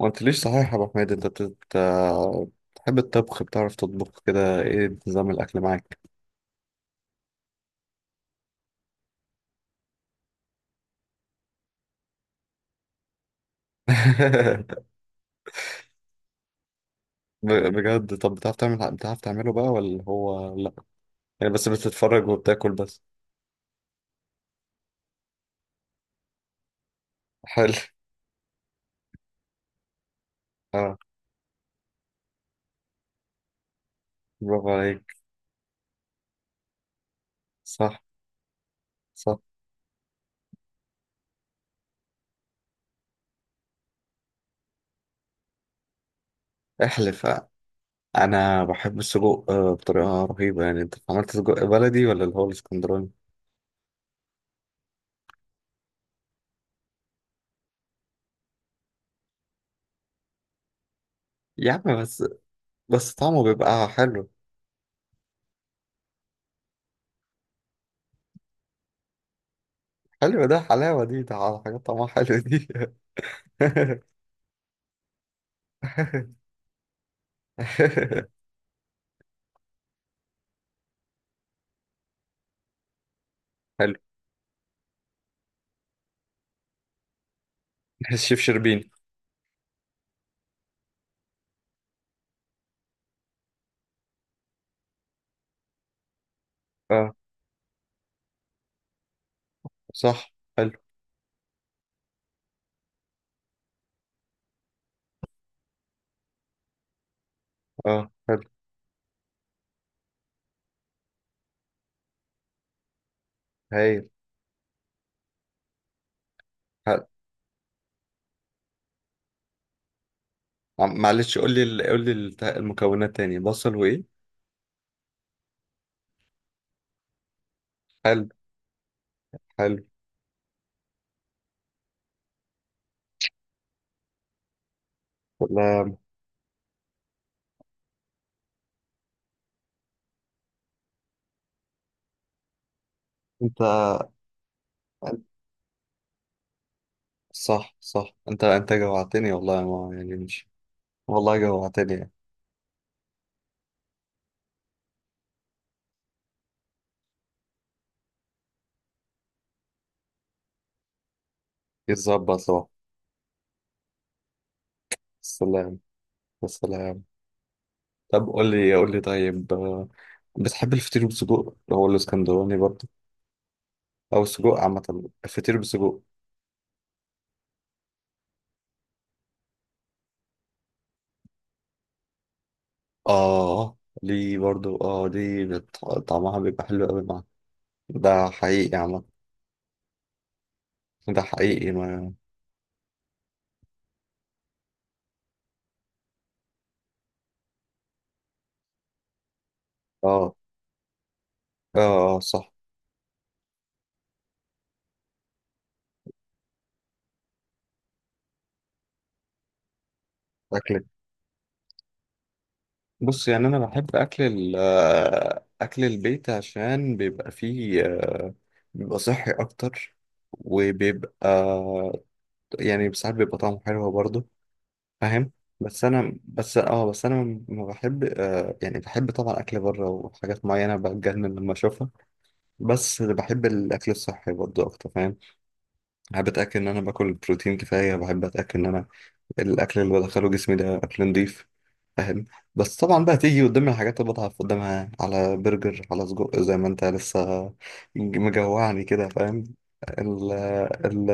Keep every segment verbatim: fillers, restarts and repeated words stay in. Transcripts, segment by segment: ما قلتليش صحيح يا ابو حميد انت بت- بت- بتحب الطبخ، بتعرف تطبخ كده؟ ايه نظام الاكل معاك؟ ب- بجد؟ طب بتعرف تعمل بتعرف تعمله بقى ولا هو لا يعني، بس بتتفرج وبتاكل بس؟ حلو. اه، برافو عليك. صح صح، احلف. آه، انا بحب السجق آه، بطريقه رهيبه. يعني انت عملت سجق بلدي ولا اللي هو الاسكندراني؟ يا عم بس، بس طعمه بيبقى حلو. حلو ده، حلاوه دي، ده حاجات طعمها حلو دي. حلو. الشيف شربين. اه، صح. حلو. اه، حلو. هايل. حلو. عم- معلش قول لي ال- قول لي الت- المكونات تاني، بصل وايه؟ حلو. حلو. والله. انت. صح صح، انت انت جوعتني والله، ما يعني مش، والله جوعتني يعني. يتظبط لوحده. السلام، السلام. طب قول لي، قول لي طيب آه، بتحب الفطير بالسجق، هو الاسكندراني برضه او السجق عامة، الفطير بالسجق؟ اه، دي برضه، اه دي بت- طعمها بيبقى حلو قوي. ده حقيقي يا عم. ده حقيقي ما. اه، اه. آه، صح. اكل، بص يعني انا بحب اكل ال آه، اكل البيت، عشان بيبقى فيه، آه، بيبقى صحي اكتر، وبيبقى يعني ساعات بيبقى طعمه حلو برضه. فاهم؟ بس انا بس اه بس انا ما بحب، آه، يعني بحب طبعا اكل بره وحاجات معينه بتجنن لما اشوفها، بس بحب الاكل الصحي برضه اكتر. فاهم؟ بحب اتاكد ان انا باكل بروتين كفايه، بحب اتاكد ان انا الاكل اللي بدخله جسمي ده اكل نضيف. فاهم؟ بس طبعا بقى تيجي قدامي الحاجات اللي بضعف قدامها، على برجر، على سجق، زي ما انت لسه مجوعني كده. فاهم؟ ال- ال-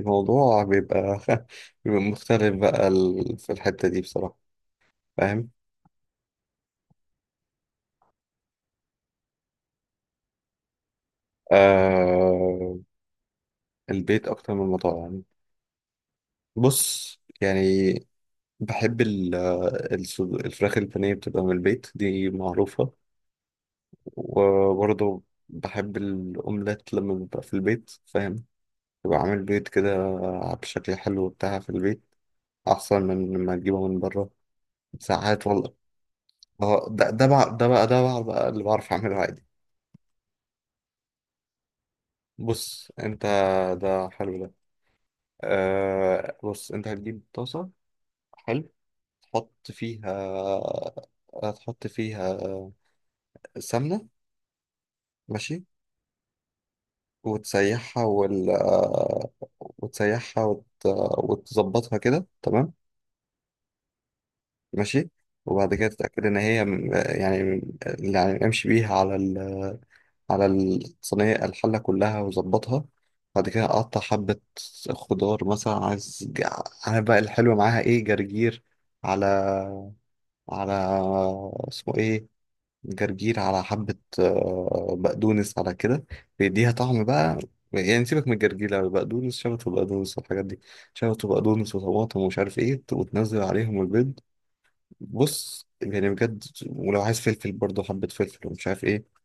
الموضوع بيبقى، بيبقى مختلف بقى ال- في الحتة دي بصراحة. فاهم؟ آه، البيت أكتر من المطاعم. بص يعني، بحب ال- السج- الفراخ البانيه بتبقى من البيت، دي معروفة. وبرضه بحب الأومليت لما ببقى في البيت. فاهم؟ ببقى عامل بيض كده بشكل حلو بتاع في البيت، أحسن من لما أجيبه من بره ساعات والله. اه، ده ده بقى، ده بقى ده بقى, بقى اللي بعرف أعمله عادي. بص أنت، ده حلو ده. آه، بص أنت هتجيب طاسة. حلو. تحط فيها، هتحط فيها سمنة. ماشي. وتسيحها، وال... وتسيحها وت... وتظبطها كده تمام. ماشي. وبعد كده تتأكد إن هي م- يعني م- يعني امشي بيها على ال، على الصينية الحلة كلها وظبطها. بعد كده أقطع حبة خضار مثلا، عايز جع- أنا بقى الحلو معاها إيه؟ جرجير، على، على، اسمه إيه، جرجير، على حبة آه، بقدونس، على كده بيديها طعم بقى. يعني سيبك من الجرجير، لا بقدونس شبت وبقدونس والحاجات دي، شبت وبقدونس وطماطم ومش عارف إيه، وتنزل عليهم البيض. بص يعني بجد. ولو عايز فلفل برضه حبة فلفل، ومش عارف ايه.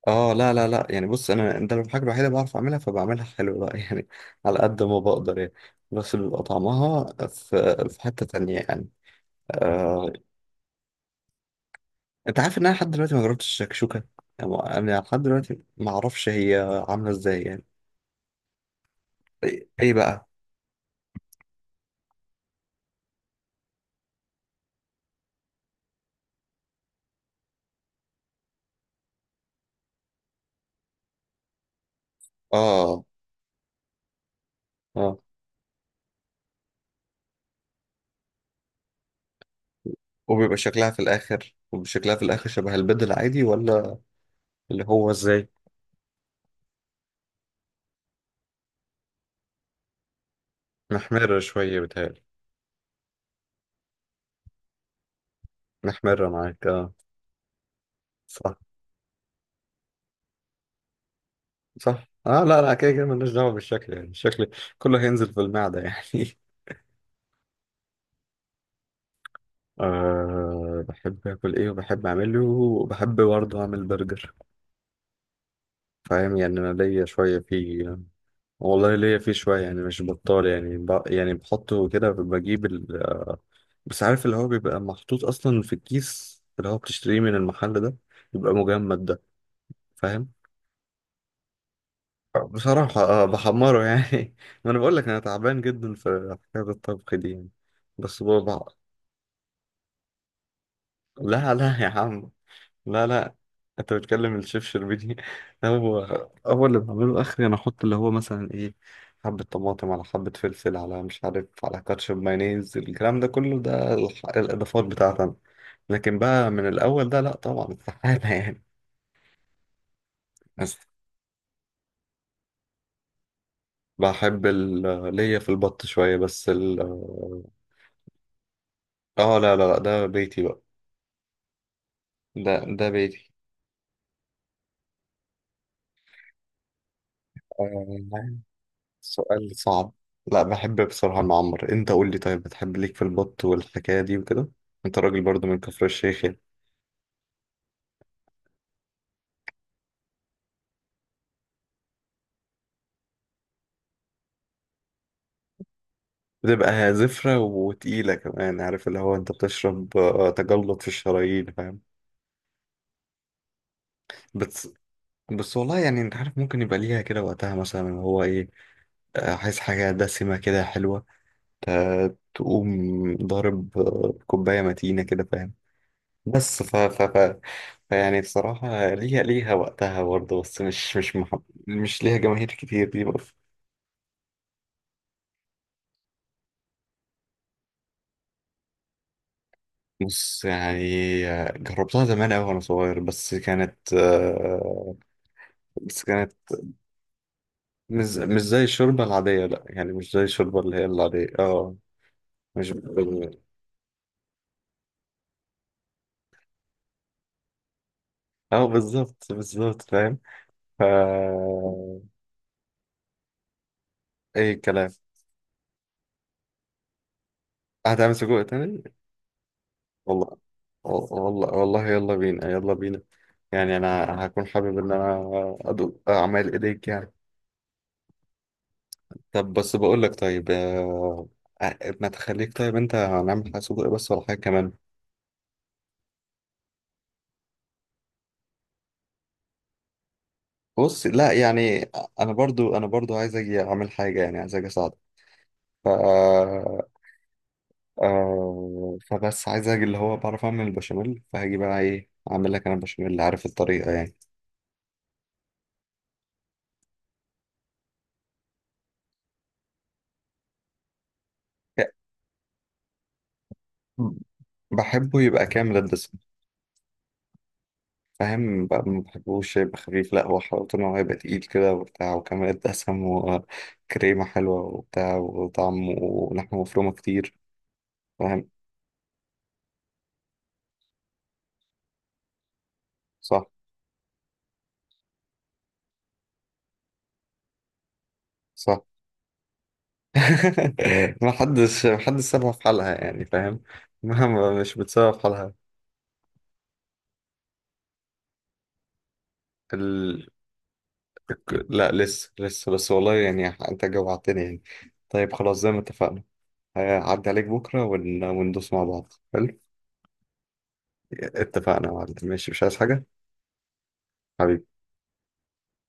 اه لا لا لا، يعني بص انا ده الحاجة الوحيدة اللي بعرف اعملها، فبعملها حلو بقى يعني، على قد ما بقدر يعني. بس بيبقى طعمها في في حتة تانية يعني. آه. انت عارف ان انا لحد دلوقتي ما جربتش الشكشوكة؟ يعني انا لحد دلوقتي ما اعرفش هي عاملة ازاي يعني. ايه؟ إيه بقى؟ اه، اه. وبيبقى شكلها في الاخر، وشكلها في الاخر شبه البيض العادي ولا؟ اللي هو ازاي؟ محمرة شوية بتهيألي. محمرة معاك، اه. صح، صح. اه لا لا، كده كده ملناش دعوه بالشكل، يعني الشكل كله هينزل في المعده يعني. أه، بحب اكل ايه، وبحب اعمله، وبحب برضه اعمل برجر. فاهم؟ يعني انا ليا شويه فيه. والله ليا فيه شويه، يعني مش بطال يعني، ب... يعني بحطه كده، بجيب ال... بس عارف اللي هو بيبقى محطوط اصلا في الكيس، اللي هو بتشتريه من المحل ده، بيبقى مجمد ده. فاهم؟ بصراحه اه، بحمره يعني. ما انا بقول لك انا تعبان جدا في حكايه الطبخ دي يعني. بس بابا. لا لا يا عم، لا لا. انت بتكلم الشيف شربيني. هو، هو اللي بعمله اخري، انا احط اللي هو مثلا ايه، حبة طماطم، على حبة فلفل، على مش عارف، على كاتشب مايونيز، الكلام ده كله، ده الح- الاضافات بتاعتي انا. لكن بقى من الاول ده، لا طبعا، استحالة يعني. بس بحب ال- ليا في البط شوية، بس ال، اه لا لا لا، ده بيتي بقى. ده ده بيتي. آه، سؤال صعب. لا بحب بصراحة المعمر. انت قول لي طيب، بتحب ليك في البط والحكاية دي وكده؟ انت راجل برضو من كفر الشيخ يعني. بتبقى زفرة وتقيلة كمان، عارف اللي هو، انت بتشرب آه، تجلط في الشرايين. فاهم؟ بس، بس والله يعني، انت عارف ممكن يبقى ليها كده وقتها مثلا، اللي هو ايه، آه، عايز حاجة دسمة كده حلوة، ت- تقوم ضارب، آه، كوباية متينة كده. فاهم؟ بس ف ف ف فيعني بصراحة، ليها، ليها وقتها برضه، بس مش مش مح... مش ليها جماهير كتير دي برضه. بص يعني، جربتها زمان أوي وأنا صغير، بس كانت آه، بس كانت، مش مش زي الشوربة العادية، لأ يعني، مش زي الشوربة اللي هي العادية اه. مش بال... اه بالظبط، بالظبط. فاهم؟ ف، أي كلام. هتعمل سجق تاني؟ والله، والله والله، يلا بينا يلا بينا. يعني انا هكون حابب ان انا ادوق اعمال ايديك يعني. طب بس بقول لك، طيب آه، آه، ما تخليك طيب، انت هنعمل حاجه سجق بس ولا حاجه كمان؟ بص لا يعني، انا برضو انا برضو عايز اجي اعمل حاجه، يعني عايز اجي اساعدك. ف آه، آه، فبس عايز اجي اللي هو بعرف اعمل البشاميل، فهاجي بقى ايه اعمل لك انا البشاميل اللي عارف الطريقه يعني. بحبه يبقى كامل الدسم. فاهم بقى؟ ما بحبوش يبقى خفيف، لا، هو حلاوته ان هو يبقى تقيل كده وبتاع، وكمان الدسم وكريمة حلوة وبتاع وطعم ولحمة مفرومة كتير. فاهم؟ صح، صح. ما حدش، ما حدش سابها في حالها يعني. فاهم؟ مهما مش بتسابها في حالها. ال... الك- لا لسه لسه، بس والله يعني، انت جوعتني يعني. طيب خلاص زي ما اتفقنا، هعدي عليك بكرة ون... وندوس مع بعض. حلو. اتفقنا يا معلم، ماشي، مش عايز حاجة. حبيبي.